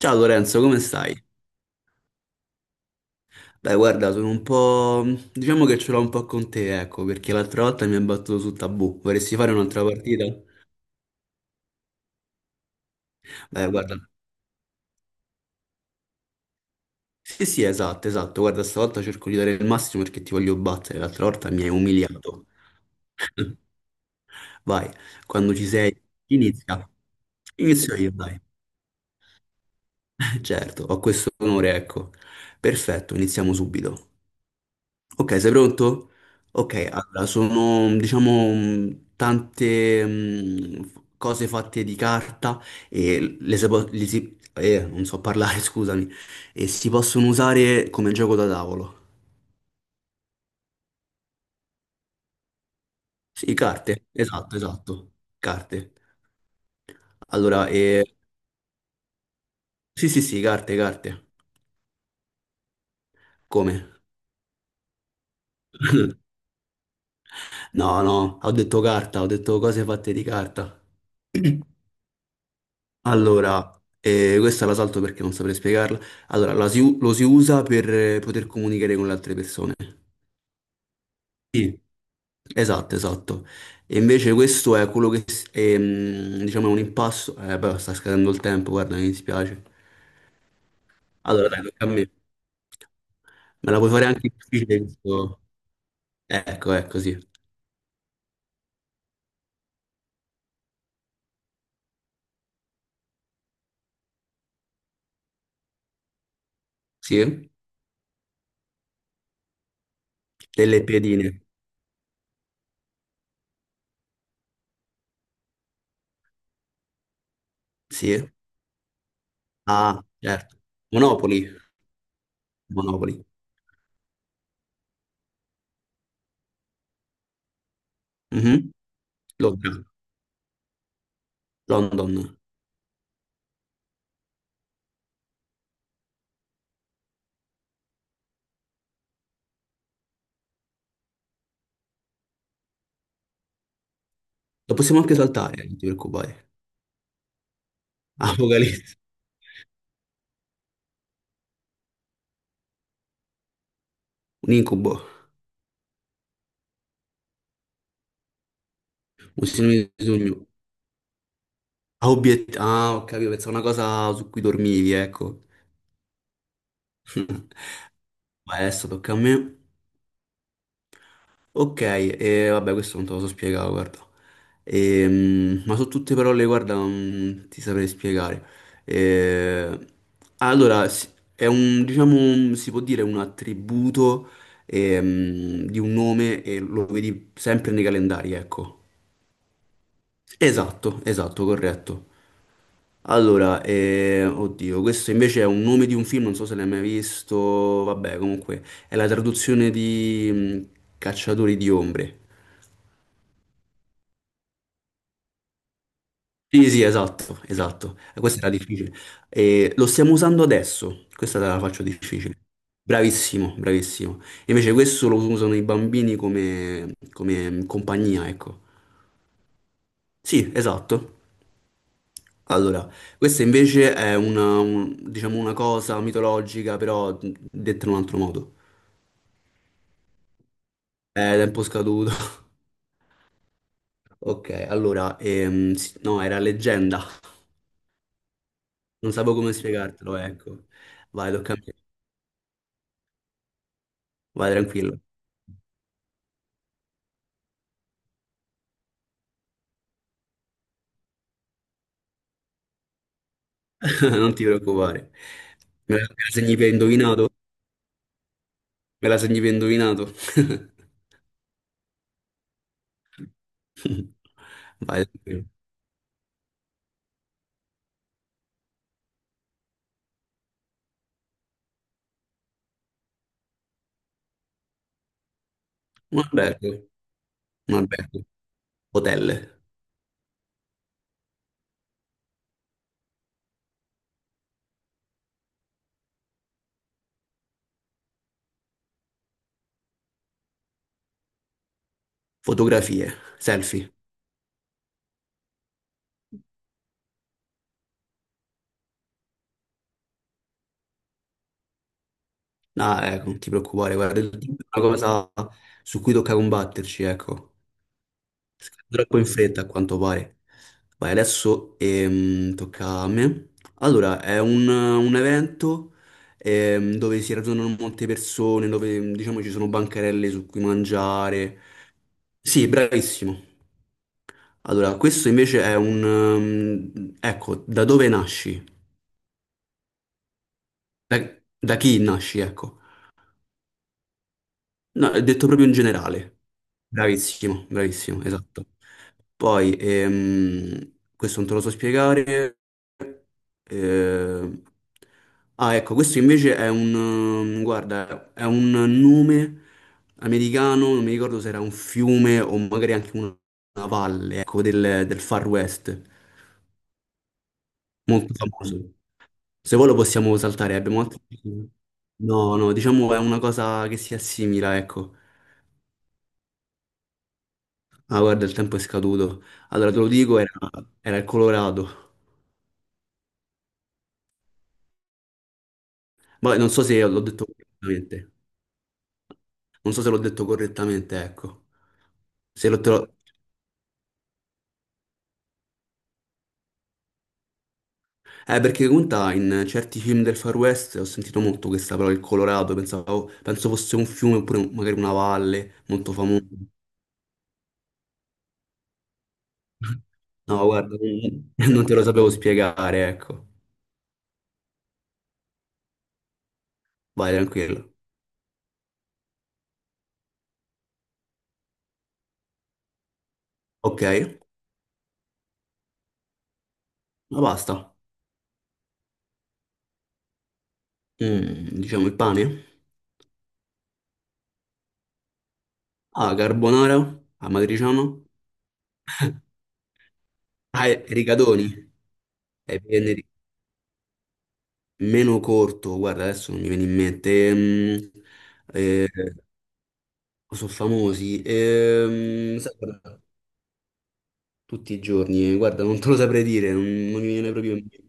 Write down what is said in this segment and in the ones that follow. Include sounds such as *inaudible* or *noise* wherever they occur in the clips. Ciao Lorenzo, come stai? Beh, guarda, diciamo che ce l'ho un po' con te, ecco, perché l'altra volta mi hai battuto su Tabù. Vorresti fare un'altra partita? Beh, guarda. Sì, sì, esatto, esatto. Guarda, stavolta cerco di dare il massimo perché ti voglio battere. L'altra volta mi hai umiliato. *laughs* Vai, quando ci sei, inizia. Inizio io, dai. *laughs* Certo, ho questo onore, ecco. Perfetto, iniziamo subito. Ok, sei pronto? Ok, allora sono diciamo tante cose fatte di carta e le si po- li si- non so parlare, *laughs* scusami, e si possono usare come gioco da tavolo. Sì, carte, esatto, esatto, carte. Allora, sì, sì, sì, carte, carte. Come? No, no, ho detto carta, ho detto cose fatte di carta. Allora, questa la salto perché non saprei spiegarla. Allora, lo si usa per poter comunicare con le altre persone. Sì, esatto, esatto. E invece questo è quello che, è, diciamo, è un impasto. Eh beh, sta scadendo il tempo, guarda, mi dispiace. Allora, dai, tocca a me. Me la puoi fare anche più difficile questo? Ecco, ecco, sì. Sì? Delle piedine. Sì. Ah, certo. Monopoli. Monopoli. Mhm. Londra. London. Lo possiamo anche saltare, non ti preoccupare. *laughs* Apocalisse, un incubo, un sinonimo di sogno. Ah, ho capito, pensavo una cosa su cui dormivi, ecco. *laughs* Vai, adesso tocca a me. Ok, e vabbè, questo non te lo so spiegare, guarda. Ma su tutte parole, guarda, non ti saprei spiegare. Eh, allora, è un, diciamo, si può dire un attributo di un nome e lo vedi sempre nei calendari, ecco. Esatto, esatto, corretto. Allora, oddio, questo invece è un nome di un film, non so se l'hai mai visto, vabbè, comunque è la traduzione di Cacciatori di ombre. Sì, sì, esatto, esatto. Questa era difficile. Lo stiamo usando adesso, questa te la faccio difficile. Bravissimo, bravissimo. Invece questo lo usano i bambini come compagnia, ecco. Sì, esatto. Allora, questa invece è una, diciamo una cosa mitologica, però detta in un altro modo. È tempo scaduto. *laughs* Ok, allora, no, era leggenda. Non sapevo come spiegartelo, ecco. Vai, tocca a me. Vai tranquillo. *laughs* Non ti preoccupare. Me la segni per indovinato? Me la segni per indovinato? *laughs* Vai tranquillo. Un albergo, un albergo. Hotel, fotografie, selfie. No, ecco, non ti preoccupare, guarda, il team è una cosa su cui tocca combatterci, ecco. Troppo in fretta, a quanto pare. Vai, adesso tocca a me. Allora, è un evento dove si radunano molte persone, dove diciamo ci sono bancarelle su cui mangiare. Sì, bravissimo. Allora, questo invece è ecco, da dove nasci? Da, da chi nasci, ecco. No, è detto proprio in generale. Bravissimo, bravissimo, esatto. Poi, questo non te lo so spiegare. eh, ah, ecco, questo invece è un, guarda, è un nome americano, non mi ricordo se era un fiume o magari anche una valle, ecco, del Far West, molto famoso. Se vuoi lo possiamo saltare, abbiamo altri. No, no, diciamo è una cosa che si assimila, ecco. Ah, guarda, il tempo è scaduto. Allora, te lo dico, era il Colorado. Ma non so se l'ho detto correttamente. Non so se l'ho detto correttamente, ecco. Se lo, te lo- perché conta, in certi film del Far West ho sentito molto questa parola, il Colorado. Pensavo, penso fosse un fiume oppure magari una valle molto famosa. *laughs* No, guarda, non te lo sapevo spiegare, ecco. Vai, tranquillo. Ok, la pasta. Diciamo il pane. Ah, carbonara, amatriciano. Ah, e rigatoni. È venere- meno corto, guarda, adesso non mi viene in mente. Eh, sono famosi. Sai, guarda, tutti i giorni, guarda, non te lo saprei dire, non mi viene proprio in mente.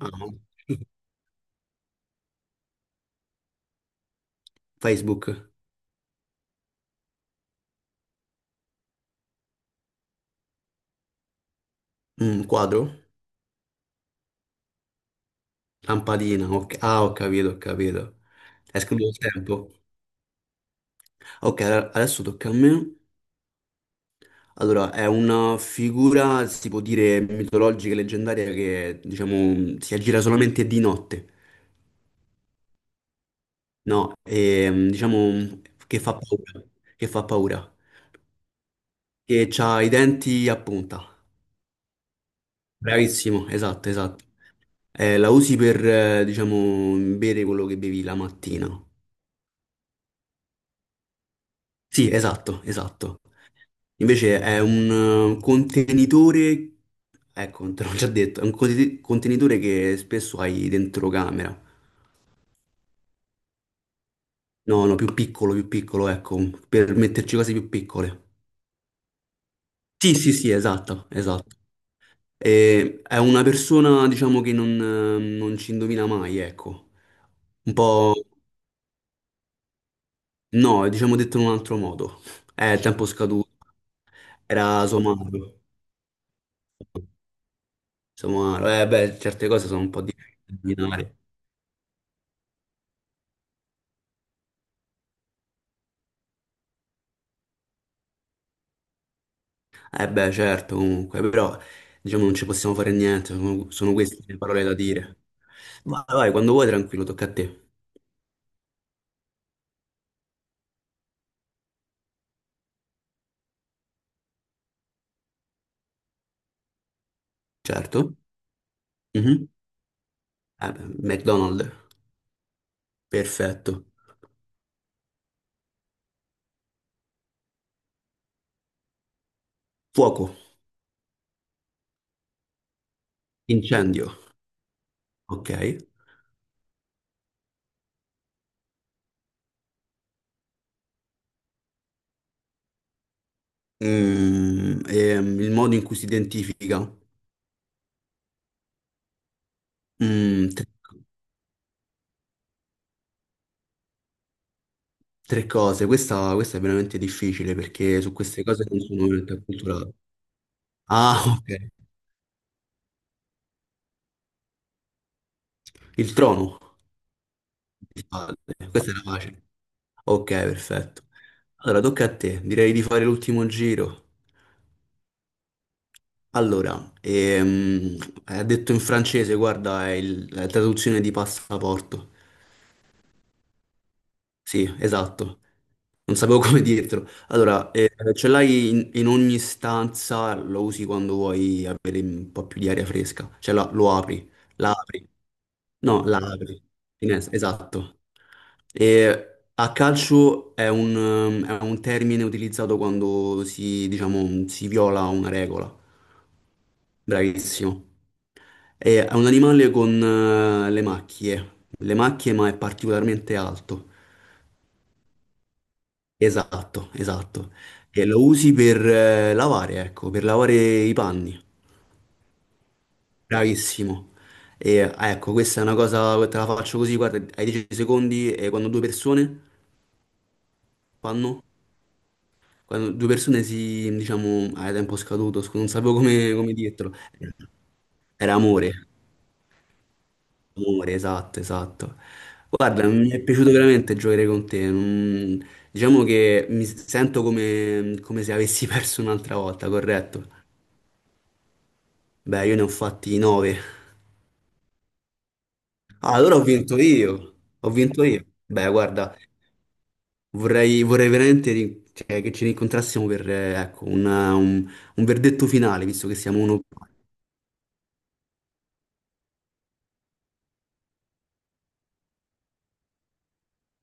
Ah, no. *laughs* Facebook, quadro, lampadina, ok. Ah, ho capito, ho capito. È scritto il tempo. Ok, allora, adesso tocca a me. Allora, è una figura, si può dire, mitologica e leggendaria che, diciamo, si aggira solamente di notte. No, diciamo che fa paura, che fa paura, che ha i denti a punta. Bravissimo, esatto, esatto. La usi per, diciamo, bere quello che bevi la mattina. Sì, esatto, esatto. Invece è un contenitore, ecco, te l'ho già detto, è un contenitore che spesso hai dentro camera. No, no, più piccolo, ecco, per metterci cose più piccole. Sì, sì, sì, esatto, esatto. E è una persona, diciamo, che non ci indovina mai, ecco. Un po'. No, diciamo detto in un altro modo. È il tempo scaduto. Era somaro. Somaro. Eh beh, certe cose sono un po' difficili da indovinare. Eh beh, certo, comunque. Però, diciamo, non ci possiamo fare niente. Sono queste le parole da dire. Vai, vai, quando vuoi, tranquillo, tocca a te. Certo. Mhm. Eh beh, McDonald's. Perfetto. Fuoco. Incendio. Ok. Il modo in cui si identifica. Tre, tre cose. Questa è veramente difficile perché su queste cose non sono veramente acculturato. Ah, *laughs* ok. Il trono. Il padre. Questa era facile. Ok, perfetto. Allora, tocca a te. Direi di fare l'ultimo giro. Allora, ha detto in francese, guarda, è la traduzione di passaporto. Sì, esatto. Non sapevo *laughs* come dirtelo. Allora, ce l'hai in ogni stanza, lo usi quando vuoi avere un po' più di aria fresca. Cioè, lo apri, la apri. No, la apri. Esatto. E a calcio è un termine utilizzato quando si, diciamo, viola una regola. Bravissimo. È un animale con le macchie. Le macchie, ma è particolarmente alto. Esatto, esatto. E lo usi per lavare, ecco, per lavare i panni. Bravissimo. E ah, ecco, questa è una cosa, te la faccio così, guarda, ai 10 secondi e quando due persone fanno, quando due persone si, diciamo, a tempo scaduto, scusa, non sapevo come dirtelo. Era amore, amore, esatto, esatto. Guarda, mi è piaciuto veramente giocare con te. Diciamo che mi sento come, come se avessi *laughs* perso un'altra volta, corretto? Beh, io ne ho fatti nove. Ah, allora ho vinto io. Ho vinto io. Beh, guarda, vorrei veramente cioè, che ci rincontrassimo per, ecco, un verdetto finale, visto che siamo uno.